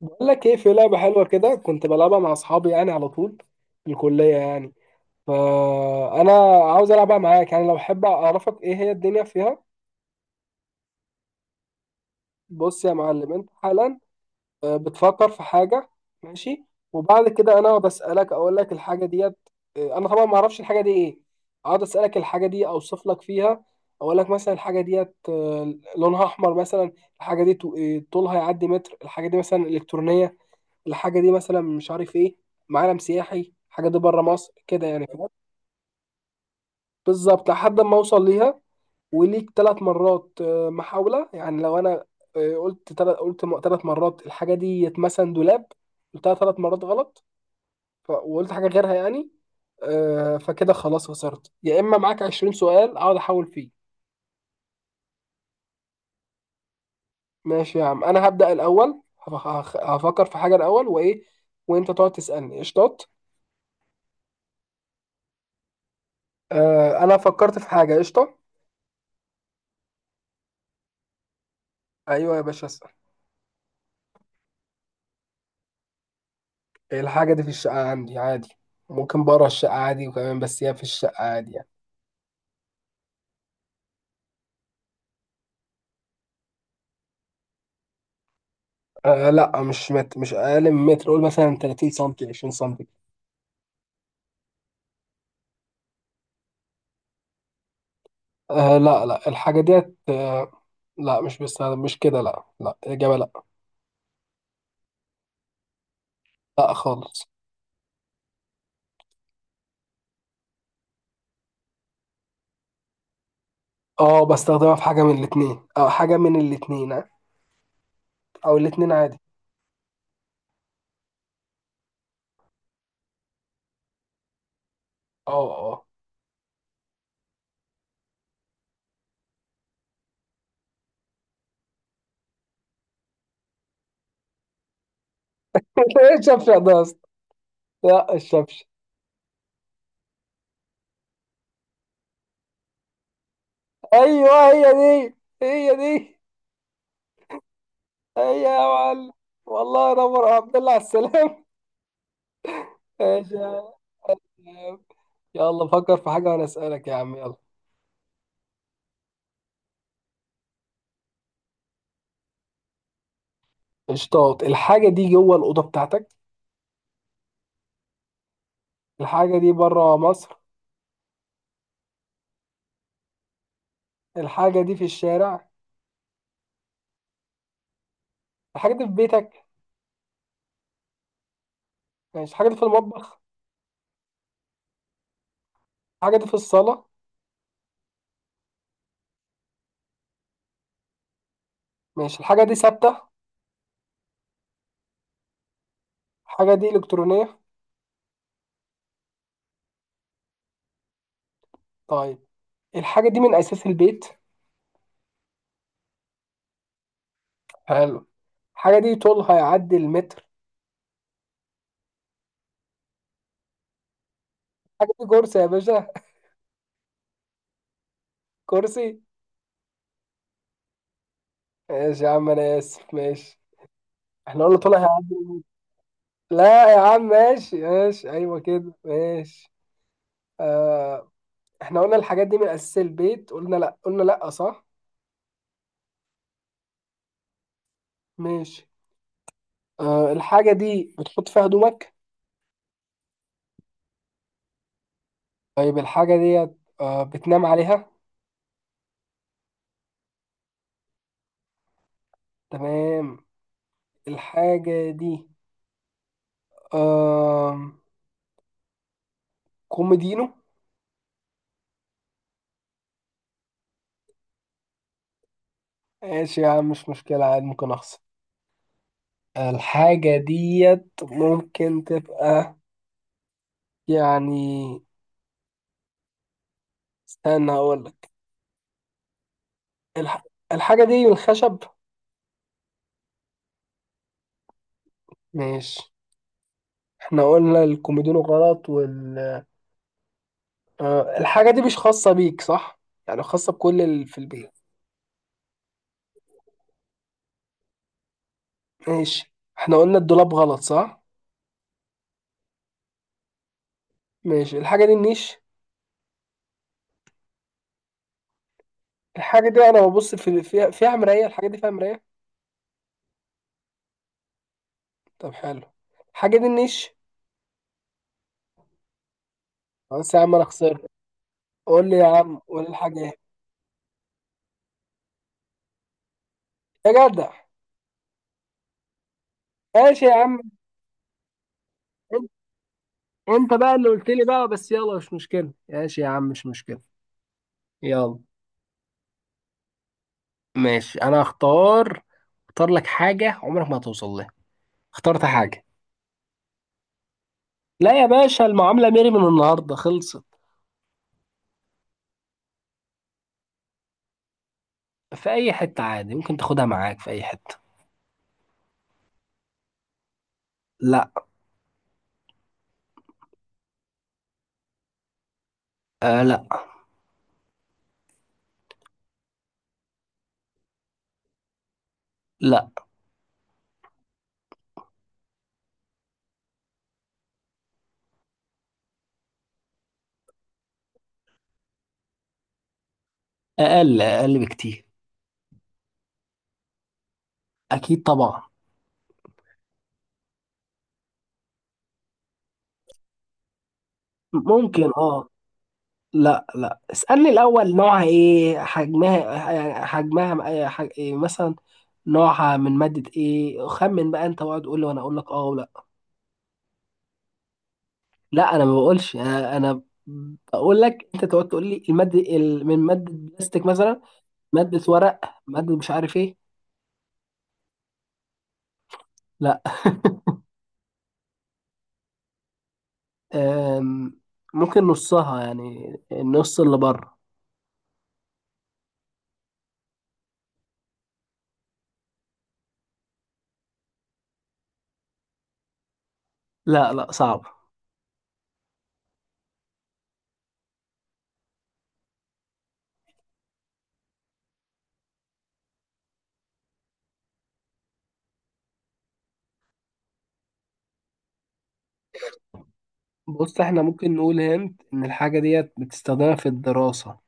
بقول لك ايه؟ في لعبه حلوه كده كنت بلعبها مع اصحابي يعني على طول في الكليه يعني. فانا عاوز العبها معاك، يعني لو حابب اعرفك ايه هي الدنيا فيها. بص يا معلم، انت حالا بتفكر في حاجه. ماشي. وبعد كده انا بسالك، اقول لك الحاجه ديت. انا طبعا ما اعرفش الحاجه دي ايه. اقعد اسالك الحاجه دي، اوصف لك فيها. اقول لك مثلا الحاجه ديت لونها احمر مثلا. الحاجه دي طولها يعدي متر. الحاجه دي مثلا الكترونيه. الحاجه دي مثلا مش عارف ايه. معلم سياحي، الحاجه دي بره مصر كده يعني. فاهم؟ بالظبط لحد ما اوصل ليها. وليك 3 مرات محاوله، يعني لو انا قلت 3 مرات الحاجه دي مثلا دولاب، قلتها 3 مرات غلط وقلت حاجه غيرها يعني. فكده خلاص خسرت، يا اما معاك 20 سؤال اقعد احاول فيه. ماشي يا عم، انا هبدا الاول. هفكر في حاجه الاول، وايه وانت تقعد تسالني. قشطات. انا فكرت في حاجه. قشطه. ايوه يا باشا، اسأل. الحاجة دي في الشقة عندي عادي. ممكن بره الشقة عادي وكمان، بس هي في الشقة عادي يعني. آه لا، مش أقل من متر، قول مثلا 30 سنتي، 20 سنتي. آه لا لا، الحاجة ديت. لا، مش بستخدم، مش كده، لا لا، الإجابة لا. لا خالص. اه، بستخدمها في حاجة من الاتنين أو حاجة من الاتنين، أو الاتنين عادي. اه، اه. ايه الشفشق ده يا اسطى؟ لا، الشفشق. ايوه، هي دي، هي دي، هي يا معلم. والله نور يا عبد الله، على السلام. ماشي. يا يلا فكر في حاجة وأنا أسألك يا عم، يلا. اشطاط. الحاجة دي جوه الأوضة بتاعتك؟ الحاجة دي بره مصر؟ الحاجة دي في الشارع؟ الحاجة دي في بيتك؟ ماشي. الحاجة دي في المطبخ؟ الحاجة دي في الصالة؟ ماشي. الحاجة دي ثابتة؟ الحاجة دي إلكترونية؟ طيب، الحاجة دي من أساس البيت؟ حلو. الحاجة دي طولها يعدي المتر؟ الحاجة دي كرسي يا باشا؟ كرسي. ماشي يا عم، أنا آسف. ماشي. احنا قلنا طولها يعدي المتر. لا يا عم، ماشي ماشي، أيوه كده. ماشي. آه. احنا قلنا الحاجات دي من اساس البيت، قلنا لا، قلنا لا، صح؟ ماشي. أه، الحاجه دي بتحط فيها هدومك؟ طيب، الحاجه دي بتنام عليها؟ تمام. الحاجه دي أه كوميدينو؟ ماشي يا عم، مش مشكله عادي، ممكن اخسر. الحاجه ديت ممكن تبقى يعني، استنى هقول لك. الح... الحاجه دي من الخشب؟ ماشي. احنا قلنا الكوميدينو غلط. الحاجة دي مش خاصة بيك، صح؟ يعني خاصة بكل اللي في البيت؟ ماشي، احنا قلنا الدولاب غلط، صح؟ ماشي، الحاجة دي النيش؟ الحاجة دي انا ببص في فيها فيها مراية. الحاجة دي فيها مراية؟ طب، حلو. الحاجة دي النيش؟ خلاص يا عم، انا خسرت. قول لي يا عم، قول لي الحاجة ايه. يا جدع. ماشي يا عم. انت انت بقى اللي قلت لي بقى، بس يلا مش مشكلة، ماشي يا عم، مش مشكلة. يلا. ماشي، انا هختار. اختار لك حاجة عمرك ما هتوصل لها. اخترت حاجة. لا يا باشا، المعاملة ميري من النهاردة خلصت. في اي حتة عادي، ممكن تاخدها معاك في اي حتة. لا. آه لا. لا، اقل اقل بكتير. اكيد طبعا. ممكن، اه. لا لا، اسألني الاول نوعها ايه، حجمها يعني حجمها إيه مثلا، نوعها من مادة ايه. خمن بقى انت، واقعد تقول لي وانا اقول لك اه ولا لا. انا ما بقولش. انا بقول لك انت تقعد تقول لي المادة من مادة بلاستيك مثلا، مادة ورق، مادة مش عارف ايه. لا. أم، ممكن نصها، يعني النص اللي بره. لا لا، صعب. بص، احنا ممكن نقول هنت ان الحاجة ديت بتستخدمها في الدراسة.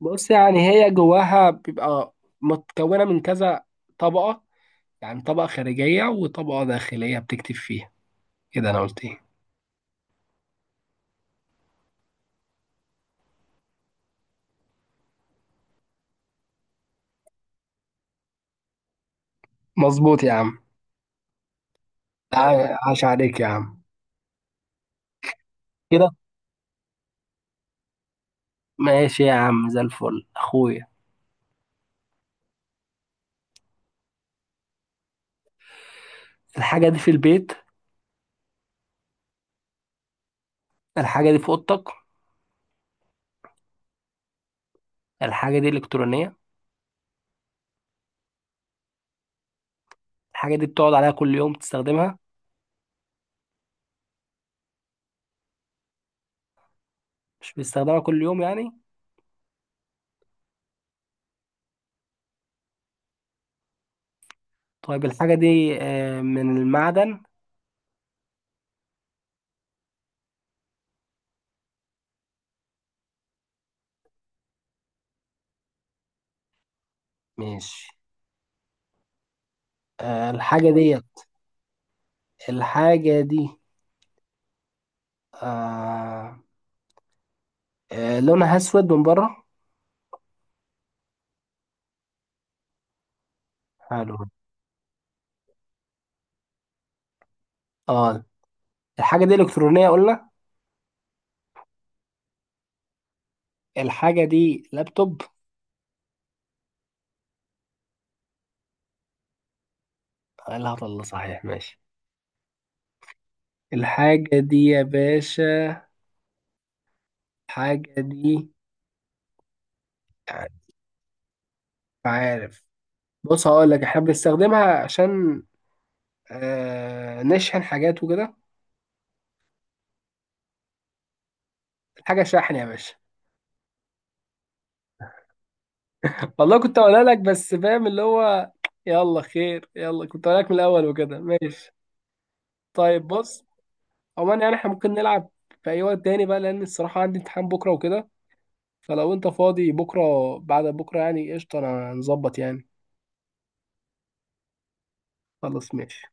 بص يعني، هي جواها بيبقى متكونة من كذا طبقة، يعني طبقة خارجية وطبقة داخلية بتكتب فيها، كده انا قلت ايه. مظبوط يا عم. عاش عليك يا عم. كده. ماشي يا عم، زي الفل اخويا. الحاجة دي في البيت؟ الحاجة دي في اوضتك؟ الحاجة دي الكترونية؟ الحاجة دي بتقعد عليها كل يوم تستخدمها؟ مش بيستخدمها كل يوم يعني؟ طيب، الحاجة دي من المعدن؟ ماشي. الحاجة دي. الحاجة دي آه، لونها أسود من بره؟ حلو. اه. الحاجة دي إلكترونية قلنا. الحاجة دي لابتوب؟ لا والله صحيح، ماشي. الحاجة دي يا باشا، الحاجة دي يعني، مش عارف. بص هقول لك، احنا بنستخدمها عشان نشحن حاجات وكده. الحاجة شاحن يا باشا. والله كنت هقولها لك، بس فاهم اللي هو. يلا خير، يلا كنت هقولها لك من الاول وكده. ماشي. طيب، بص. عموما يعني احنا ممكن نلعب في اي وقت تاني بقى، لان الصراحه عندي امتحان بكره وكده. فلو انت فاضي بكره بعد بكره يعني قشطه، انا هنظبط يعني. خلاص، ماشي.